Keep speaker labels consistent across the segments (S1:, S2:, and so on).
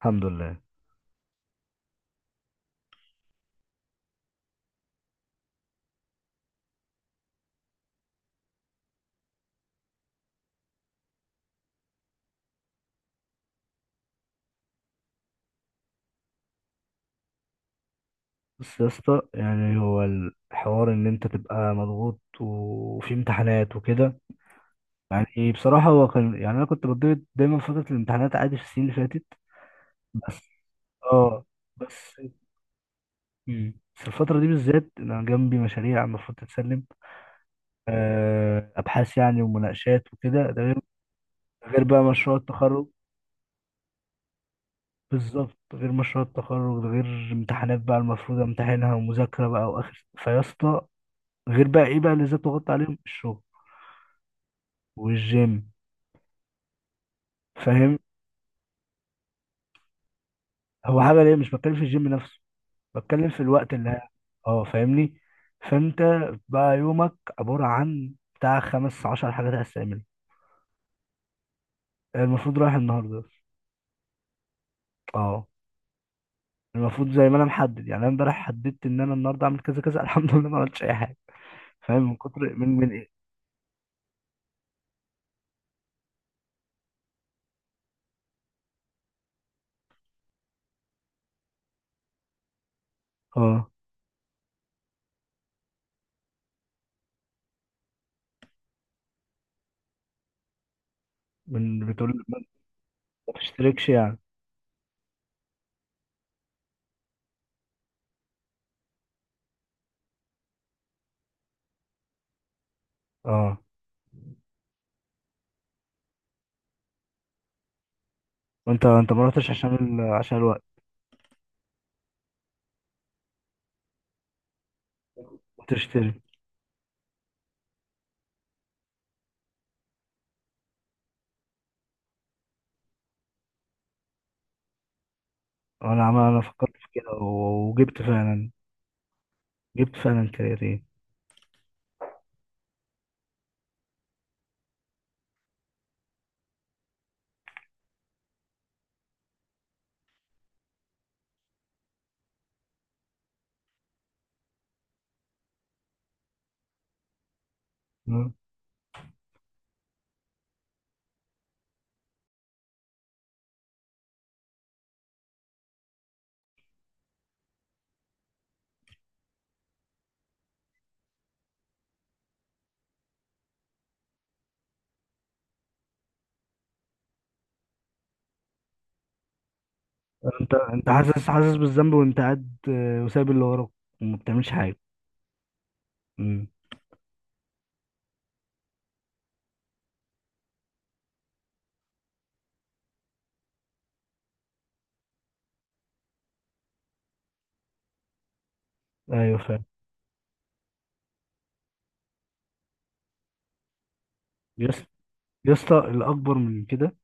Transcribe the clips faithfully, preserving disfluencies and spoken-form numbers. S1: الحمد لله. بس يا اسطى، يعني هو الحوار ان انت تبقى مضغوط وفي امتحانات وكده. يعني ايه بصراحة، هو كان يعني انا كنت بتضغط دايما في فترة الامتحانات عادي في السنين اللي فاتت. بس اه بس مم. بس الفترة دي بالذات انا جنبي مشاريع المفروض تتسلم، آه، ابحاث يعني ومناقشات وكده. ده غير غير بقى مشروع التخرج. بالظبط، غير مشروع التخرج، ده غير امتحانات بقى المفروض امتحنها، ومذاكرة بقى، واخر فيا اسطى. غير بقى ايه بقى اللي زاد ضغط عليهم، الشغل والجيم. فاهم؟ هو عمل ايه، مش بتكلم في الجيم نفسه، بتكلم في الوقت اللي ه- اه، فاهمني؟ فانت بقى يومك عبارة عن بتاع خمس عشر حاجات هستعملها. المفروض رايح النهارده. اه، المفروض زي ما انا محدد، يعني انا امبارح حددت ان انا النهارده اعمل كذا كذا. الحمد لله ما عملتش اي حاجه. فاهم من كتر من من ايه اه من بتقول ما، ما تشتركش يعني. اه. وانت انت ما رحتش عشان ال... عشان الوقت وتشتري. انا عمال، انا فكرت في كده و- وجبت فعلا، جبت فعلا كرياتين. مم. انت انت حاسس، حاسس بالذنب وانت قاعد، آه، وسايب اللي وراك وما بتعملش حاجه. مم. ايوه فاهم. يس يا اسطى، الاكبر من كده،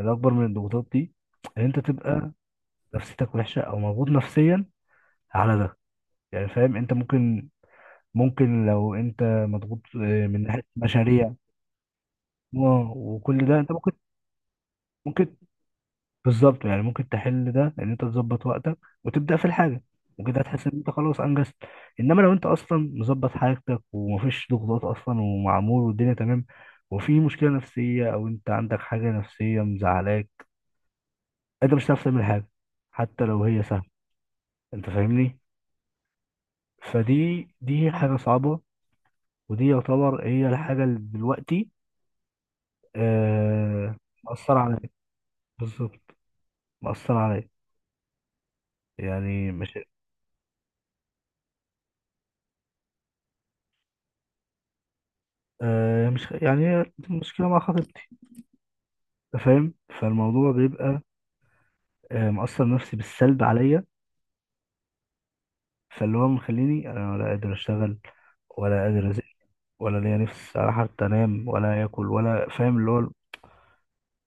S1: الاكبر من الضغوطات دي، ان انت تبقى نفسيتك وحشه او مضغوط نفسيا على ده. يعني فاهم، انت ممكن، ممكن لو انت مضغوط، آه، من ناحيه مشاريع و- وكل ده، انت ممكن، ممكن بالظبط، يعني ممكن تحل ده ان انت تظبط وقتك وتبدا في الحاجه، وكده هتحس ان انت خلاص انجزت. انما لو انت اصلا مظبط حاجتك، ومفيش ضغوطات اصلا، ومعمول والدنيا تمام، وفي مشكله نفسيه، او انت عندك حاجه نفسيه مزعلاك، انت مش هتعرف تعمل حاجه حتى لو هي سهله. انت فاهمني؟ فدي، دي حاجه صعبه، ودي يعتبر هي الحاجه اللي دلوقتي آه مأثرة عليك. بالظبط، مأثرة عليك. يعني مش، آه مش يعني، هي مشكله مع خطيبتي. أنت فاهم؟ فالموضوع بيبقى، آه، مأثر نفسي بالسلب عليا. فاللي هو مخليني، انا ولا قادر اشتغل، ولا قادر ازق، ولا ليا نفس على حتى انام ولا اكل، ولا فاهم اللي هو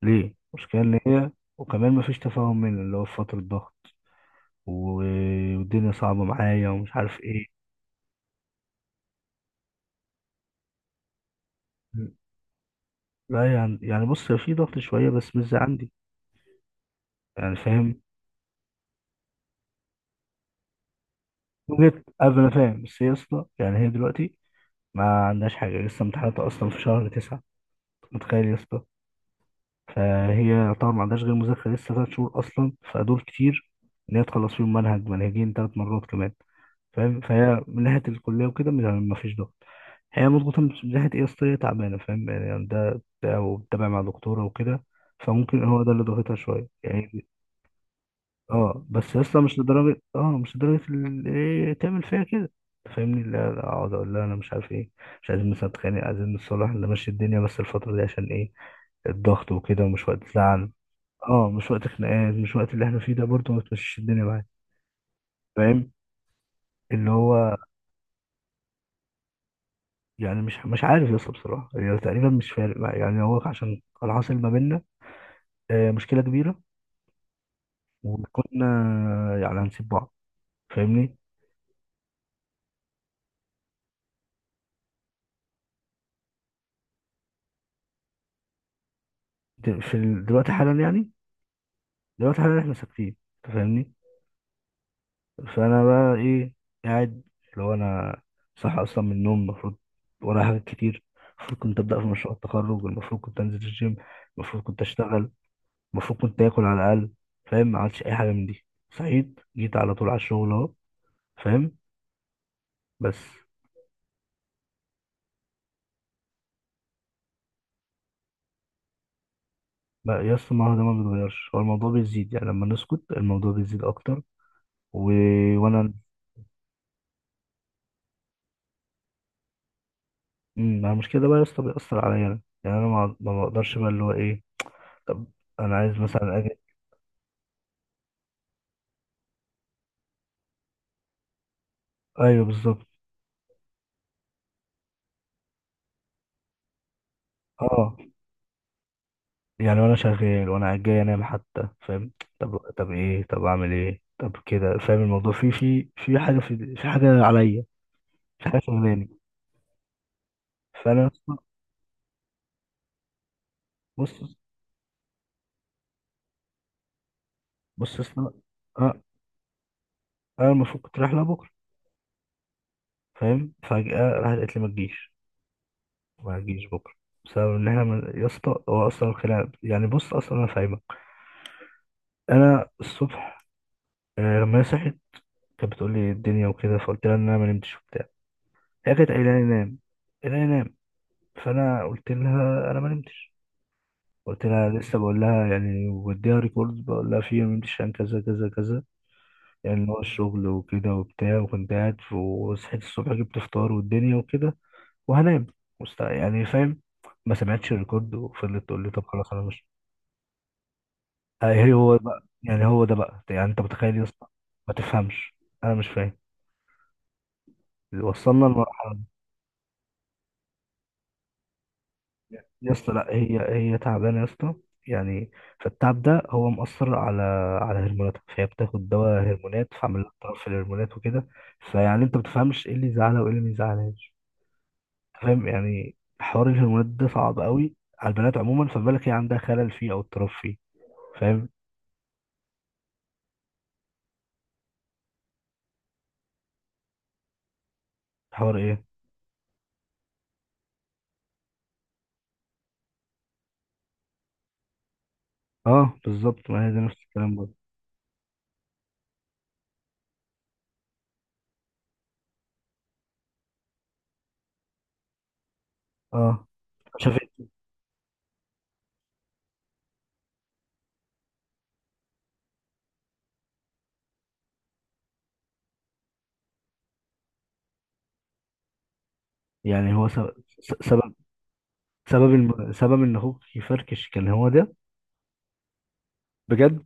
S1: ليه المشكله ان هي، وكمان مفيش تفاهم مني، اللي هو في فتره ضغط و- والدنيا صعبه معايا ومش عارف ايه. لا يعني، يعني بص، هي في ضغط شويه بس مش زي عندي، يعني فاهم. وجيت قبل، انا فاهم، بس هي يا اسطى يعني، هي دلوقتي ما عندهاش حاجه، لسه امتحاناتها اصلا في شهر تسعة، متخيل يا اسطى؟ فهي طبعا ما عندهاش غير مذاكرة لسه ثلاث شهور أصلا، فدول كتير إن هي تخلص فيهم منهج منهجين ثلاث مرات كمان. فاهم؟ فهي من ناحية الكلية وكده ما فيش ضغط. هي مضغوطة من من ناحية إيه، أصل هي تعبانة، فاهم يعني؟ ده ده وبتتابع مع دكتورة وكده. فممكن هو ده اللي ضغطها شوية، يعني. اه بس لسه مش لدرجة، اه مش لدرجة ال- إيه تعمل فيها كده. فاهمني؟ لا لا، اقعد اقول لها انا مش عارف ايه، مش عايزين مثلا نتخانق، عايزين نتصالح نمشي الدنيا، بس الفترة دي عشان ايه، الضغط وكده، ومش وقت، لا. اه، مش وقت خناقات، مش وقت اللي احنا فيه ده. برضه ما تمشيش الدنيا معايا. فاهم؟ اللي هو يعني، مش مش عارف يا اسطى بصراحه، يعني تقريبا مش فارق معايا، يعني هو عشان كان حاصل ما بيننا، آه، مشكله كبيره، وكنا يعني هنسيب بعض، فاهمني؟ د- في ال- دلوقتي حالا يعني، دلوقتي حالا احنا ساكتين. أنت فاهمني؟ فانا بقى ايه، قاعد، اللي هو انا صح اصلا من النوم. المفروض ورايا حاجات كتير، المفروض كنت ابدا في مشروع التخرج، المفروض كنت انزل الجيم، المفروض كنت اشتغل، المفروض كنت اكل على الاقل. فاهم؟ ما عملتش اي حاجه من دي، صحيت جيت على طول على الشغل اهو. فاهم؟ بس بقى يا اسطى، ما هو ده ما بيتغيرش، هو الموضوع بيزيد، يعني لما نسكت الموضوع بيزيد اكتر و... وانا، امم مع المشكله ده بقى يا اسطى بيأثر عليا انا، يعني انا ما ما بقدرش بقى اللي هو ايه. طب انا عايز مثلا اجي. ايوه بالظبط. اه يعني وانا شغال، وانا جاي انام حتى، فاهم؟ طب، طب ايه، طب اعمل ايه، طب كده فاهم، الموضوع في في في حاجه، في في حاجه عليا، في حاجه شغلاني. فانا بص بص اصل، اه، انا المفروض كنت رايح لها بكره، فاهم؟ فجأة راحت قالت لي ما تجيش، ما تجيش بكره، بسبب ان احنا من... يا اسطى هو اصلا الخناقه يعني، بص اصلا انا فاهمك. انا الصبح، آه لما هي صحت، كانت بتقول لي الدنيا وكده، فقلت لها ان انا ما نمتش وبتاع. هي كانت قايله لي نام قايله لي نام، فانا قلت لها انا ما نمتش، قلت لها لسه، بقول لها يعني، وديها ريكورد بقول لها فيه ما نمتش عشان كذا كذا كذا، يعني اللي هو الشغل وكده وبتاع، وكنت قاعد وصحيت الصبح جبت فطار والدنيا وكده، وهنام، مست- يعني فاهم؟ ما سمعتش الريكورد، وفضلت تقول لي طب خلاص انا مش ايه. هو بقى يعني، هو ده بقى يعني، انت متخيل يا اسطى؟ ما تفهمش! انا مش فاهم، وصلنا لمرحله دي. يا اسطى، لا هي، هي تعبانه يا اسطى، يعني. فالتعب ده هو مأثر على، على هرموناتها، فهي بتاخد دواء هرمونات، فعمل لها اضطراب في الهرمونات وكده. فيعني انت ما بتفهمش ايه اللي يزعلها وايه اللي ما يزعلهاش. فاهم؟ يعني حوار الهرمونات ده صعب قوي على البنات عموما، فما بالك هي عندها خلل فيه او اضطراب فيه. فاهم؟ حوار ايه؟ اه بالظبط، ما هي ده نفس الكلام برضه. اه شافت. يعني هو سبب، سبب سبب الم... سبب ان اخوك يفركش كان هو ده؟ بجد؟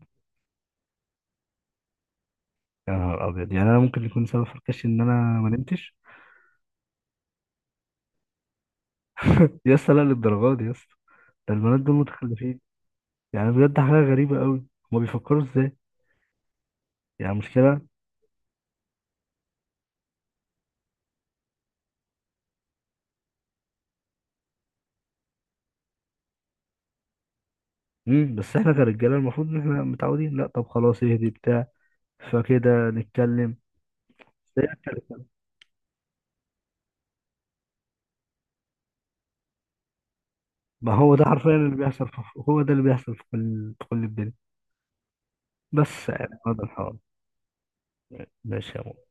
S1: يا نهار ابيض! يعني انا ممكن يكون سبب فركشي ان انا ما نمتش؟ يا اسطى لا، للدرجه دي يا اسطى؟ ده البنات دول متخلفين، يعني بجد حاجه غريبه قوي. هما بيفكروا ازاي؟ يعني مشكله. امم بس احنا كرجاله المفروض ان احنا متعودين، لا طب خلاص اهدي بتاع، فكده نتكلم. ما هو ده حرفيا اللي بيحصل في... هو ده اللي بيحصل في كل، في كل الدنيا. بس يعني هذا الحوار. ماشي يا مو.